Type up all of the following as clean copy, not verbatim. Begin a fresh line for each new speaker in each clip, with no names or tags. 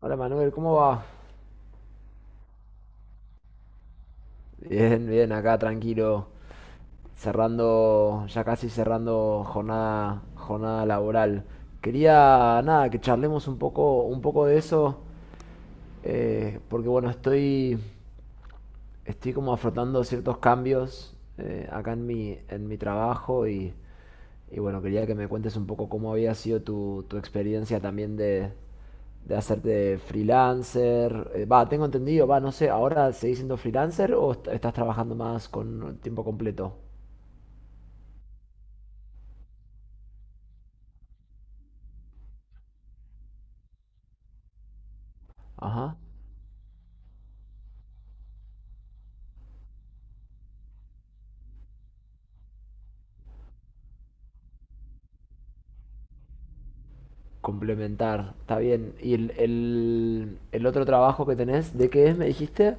Hola Manuel, ¿cómo va? Bien, bien, acá tranquilo, cerrando, ya casi cerrando jornada, jornada laboral. Quería, nada, que charlemos un poco de eso, porque bueno, estoy como afrontando ciertos cambios acá en en mi trabajo y bueno, quería que me cuentes un poco cómo había sido tu experiencia también de hacerte freelancer. Va, tengo entendido, va, no sé, ¿ahora seguís siendo freelancer o estás trabajando más con tiempo completo? Ajá. Complementar, está bien. ¿Y el otro trabajo que tenés, de qué es, me dijiste?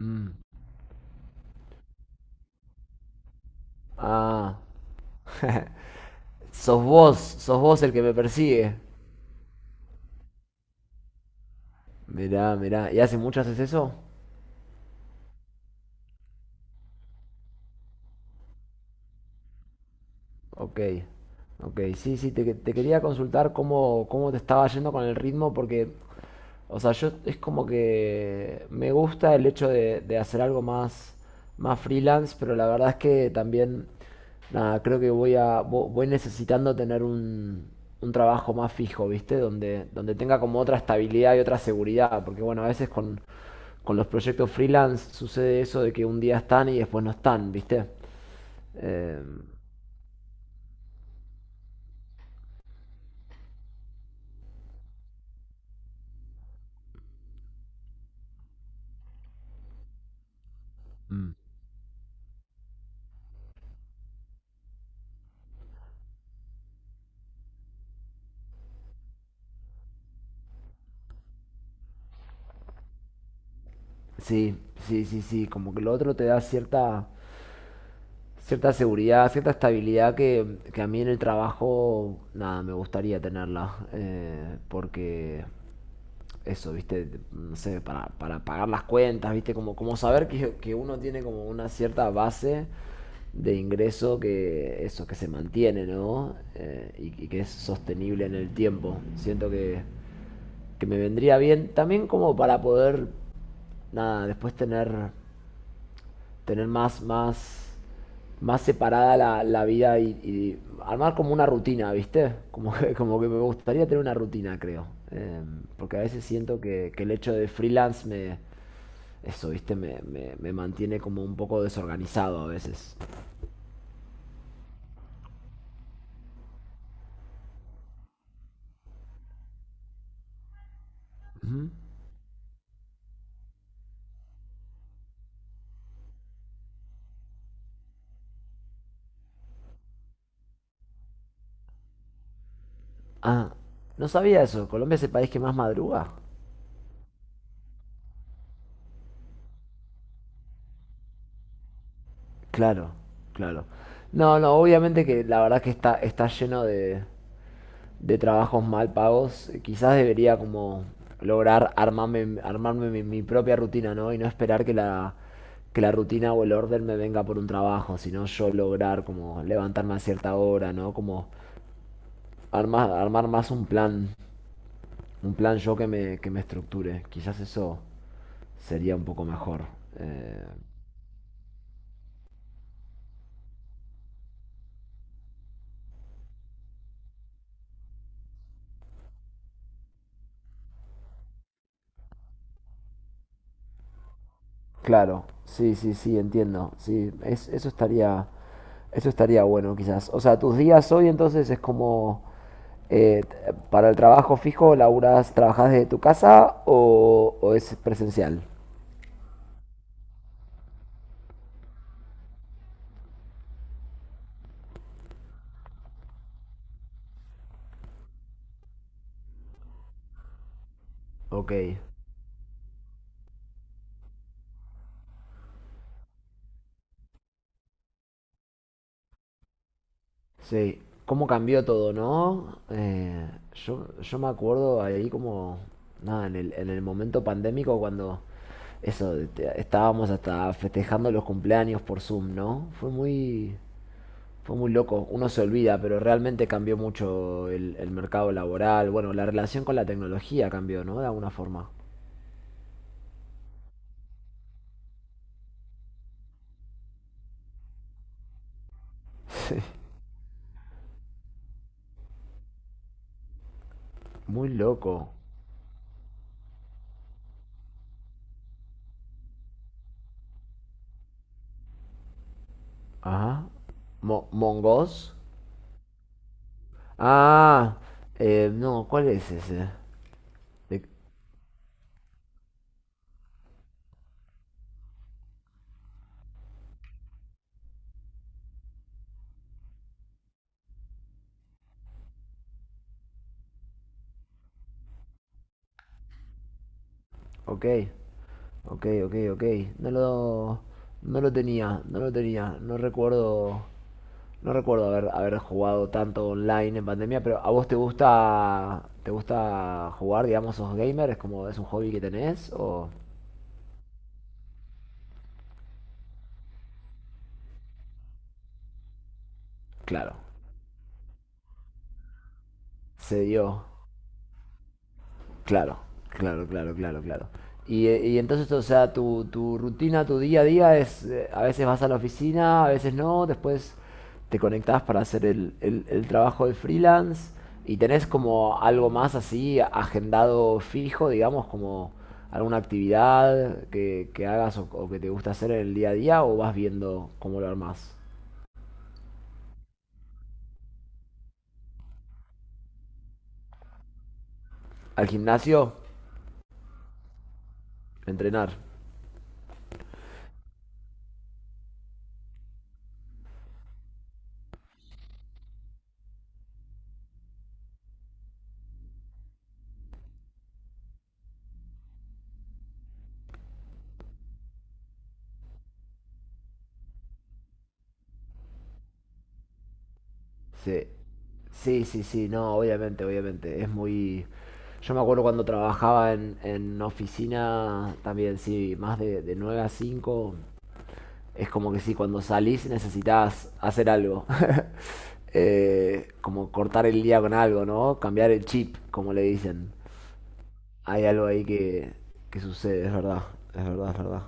Mm. Ah, sos vos el que me persigue. Mirá, mirá, ¿y hace mucho haces eso? Ok, ok, sí, sí, te quería consultar cómo te estaba yendo con el ritmo, porque, o sea, yo es como que me gusta el hecho de hacer algo más, más freelance, pero la verdad es que también, nada, creo que voy voy necesitando tener un trabajo más fijo, ¿viste? Donde tenga como otra estabilidad y otra seguridad, porque bueno, a veces con los proyectos freelance sucede eso de que un día están y después no están, ¿viste? Em, Sí, sí, sí, sí, como que lo otro te da cierta, cierta seguridad, cierta estabilidad que a mí en el trabajo, nada, me gustaría tenerla, porque eso, viste, no sé, para pagar las cuentas, viste, como, como saber que uno tiene como una cierta base de ingreso que eso, que se mantiene, ¿no? Y que es sostenible en el tiempo. Siento que me vendría bien también como para poder, nada, después tener tener más, más, más separada la vida y armar como una rutina, ¿viste? Como que me gustaría tener una rutina, creo. Porque a veces siento que el hecho de freelance me, eso, ¿viste? Me mantiene como un poco desorganizado a veces. Ah, no sabía eso. ¿Colombia es el país que más madruga? Claro, claro. No, no, obviamente que la verdad que está, está lleno de trabajos mal pagos, quizás debería como lograr armarme, armarme mi, mi propia rutina, ¿no? Y no esperar que la rutina o el orden me venga por un trabajo, sino yo lograr como levantarme a cierta hora, ¿no? Como armar, armar más un plan yo que me estructure. Quizás eso sería un poco mejor. Eh, claro, sí, sí, sí, entiendo. Sí, eso estaría bueno quizás. O sea, tus días hoy entonces es como Eh, ¿para el trabajo fijo laburas, trabajas desde tu casa o es presencial? Ok, sí. ¿Cómo cambió todo, no? Yo me acuerdo ahí como, nada, en en el momento pandémico cuando eso, estábamos hasta festejando los cumpleaños por Zoom, ¿no? Fue muy loco. Uno se olvida, pero realmente cambió mucho el mercado laboral. Bueno, la relación con la tecnología cambió, ¿no? De alguna forma. Sí, muy loco. Ajá. Mo- Mongos. Ah, no, ¿cuál es ese? De- ok, ok, ok, ok. No lo, no lo tenía, no lo tenía. No recuerdo, no recuerdo haber, haber jugado tanto online en pandemia, pero ¿a vos te gusta jugar, digamos, sos gamer? ¿Es como, es un hobby que tenés? O, claro, se dio. Claro, claro, claro, claro, claro. Y y entonces, o sea, tu rutina, tu día a día es, a veces vas a la oficina, a veces no, después te conectás para hacer el trabajo de freelance y tenés como algo más así agendado fijo, digamos, como alguna actividad que hagas o que te gusta hacer en el día a día o vas viendo cómo lo armás. Al gimnasio, entrenar. Sí. Sí, sí, sí, no, obviamente, obviamente. Es muy. Yo me acuerdo cuando trabajaba en oficina también, sí, más de 9 a 5. Es como que sí, cuando salís necesitas hacer algo. Como cortar el día con algo, ¿no? Cambiar el chip, como le dicen. Hay algo ahí que sucede, es verdad, es verdad, es verdad.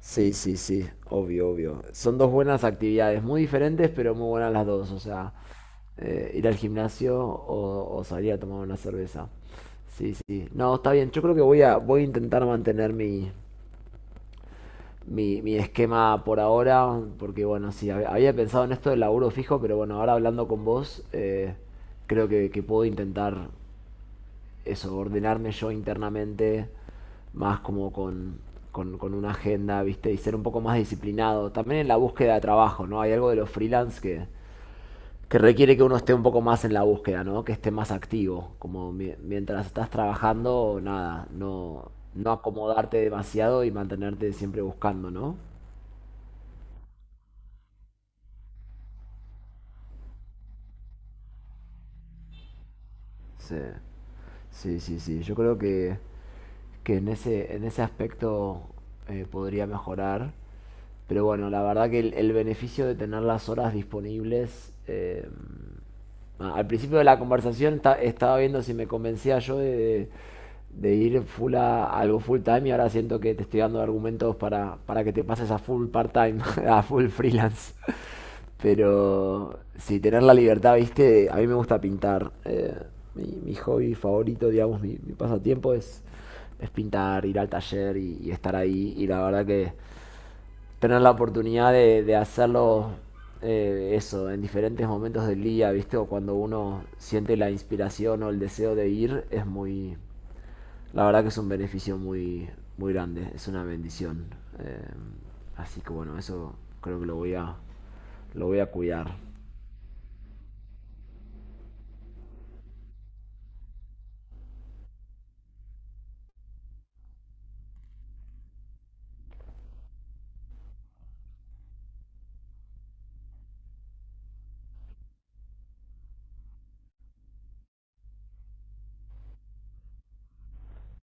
Sí, sí, sí, obvio, obvio. Son dos buenas actividades, muy diferentes, pero muy buenas las dos. O sea, ir al gimnasio o salir a tomar una cerveza. Sí, sí. No, está bien. Yo creo que voy a, voy a intentar mantener mi, mi, mi esquema por ahora, porque bueno, sí, había pensado en esto del laburo fijo, pero bueno, ahora hablando con vos, creo que puedo intentar eso, ordenarme yo internamente, más como con una agenda, ¿viste? Y ser un poco más disciplinado. También en la búsqueda de trabajo, ¿no? Hay algo de los freelance que requiere que uno esté un poco más en la búsqueda, ¿no? Que esté más activo. Como mientras estás trabajando, nada, no acomodarte demasiado y mantenerte siempre buscando, ¿no? Sí, sí, sí, sí. Yo creo que en ese aspecto podría mejorar. Pero bueno, la verdad que el beneficio de tener las horas disponibles. Al principio de la conversación estaba viendo si me convencía yo de, de- de ir full a algo full time y ahora siento que te estoy dando argumentos para que te pases a full part time, a full freelance. Pero si tener la libertad, viste, a mí me gusta pintar. Mi hobby favorito, digamos, mi pasatiempo es pintar, ir al taller y estar ahí. Y la verdad que tener la oportunidad de hacerlo eso, en diferentes momentos del día, ¿viste? O cuando uno siente la inspiración o el deseo de ir, es muy. La verdad que es un beneficio muy, muy grande, es una bendición. Eh, Así que bueno, eso creo que lo voy a cuidar.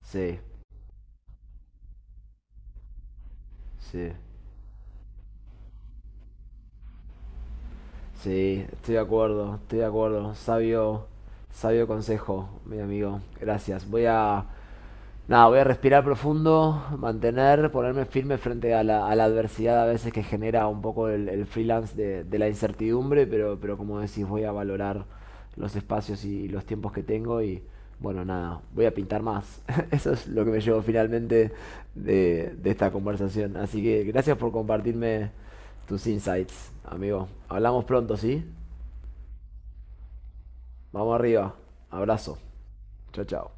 Sí, sí, sí, estoy de acuerdo, estoy de acuerdo. Sabio, sabio consejo, mi amigo. Gracias. Voy a, nada, voy a respirar profundo, mantener, ponerme firme frente a la adversidad a veces que genera un poco el freelance de la incertidumbre, pero como decís, voy a valorar los espacios los tiempos que tengo y bueno, nada, voy a pintar más. Eso es lo que me llevo finalmente de esta conversación. Así que gracias por compartirme tus insights, amigo. Hablamos pronto, ¿sí? Vamos arriba. Abrazo. Chao, chao.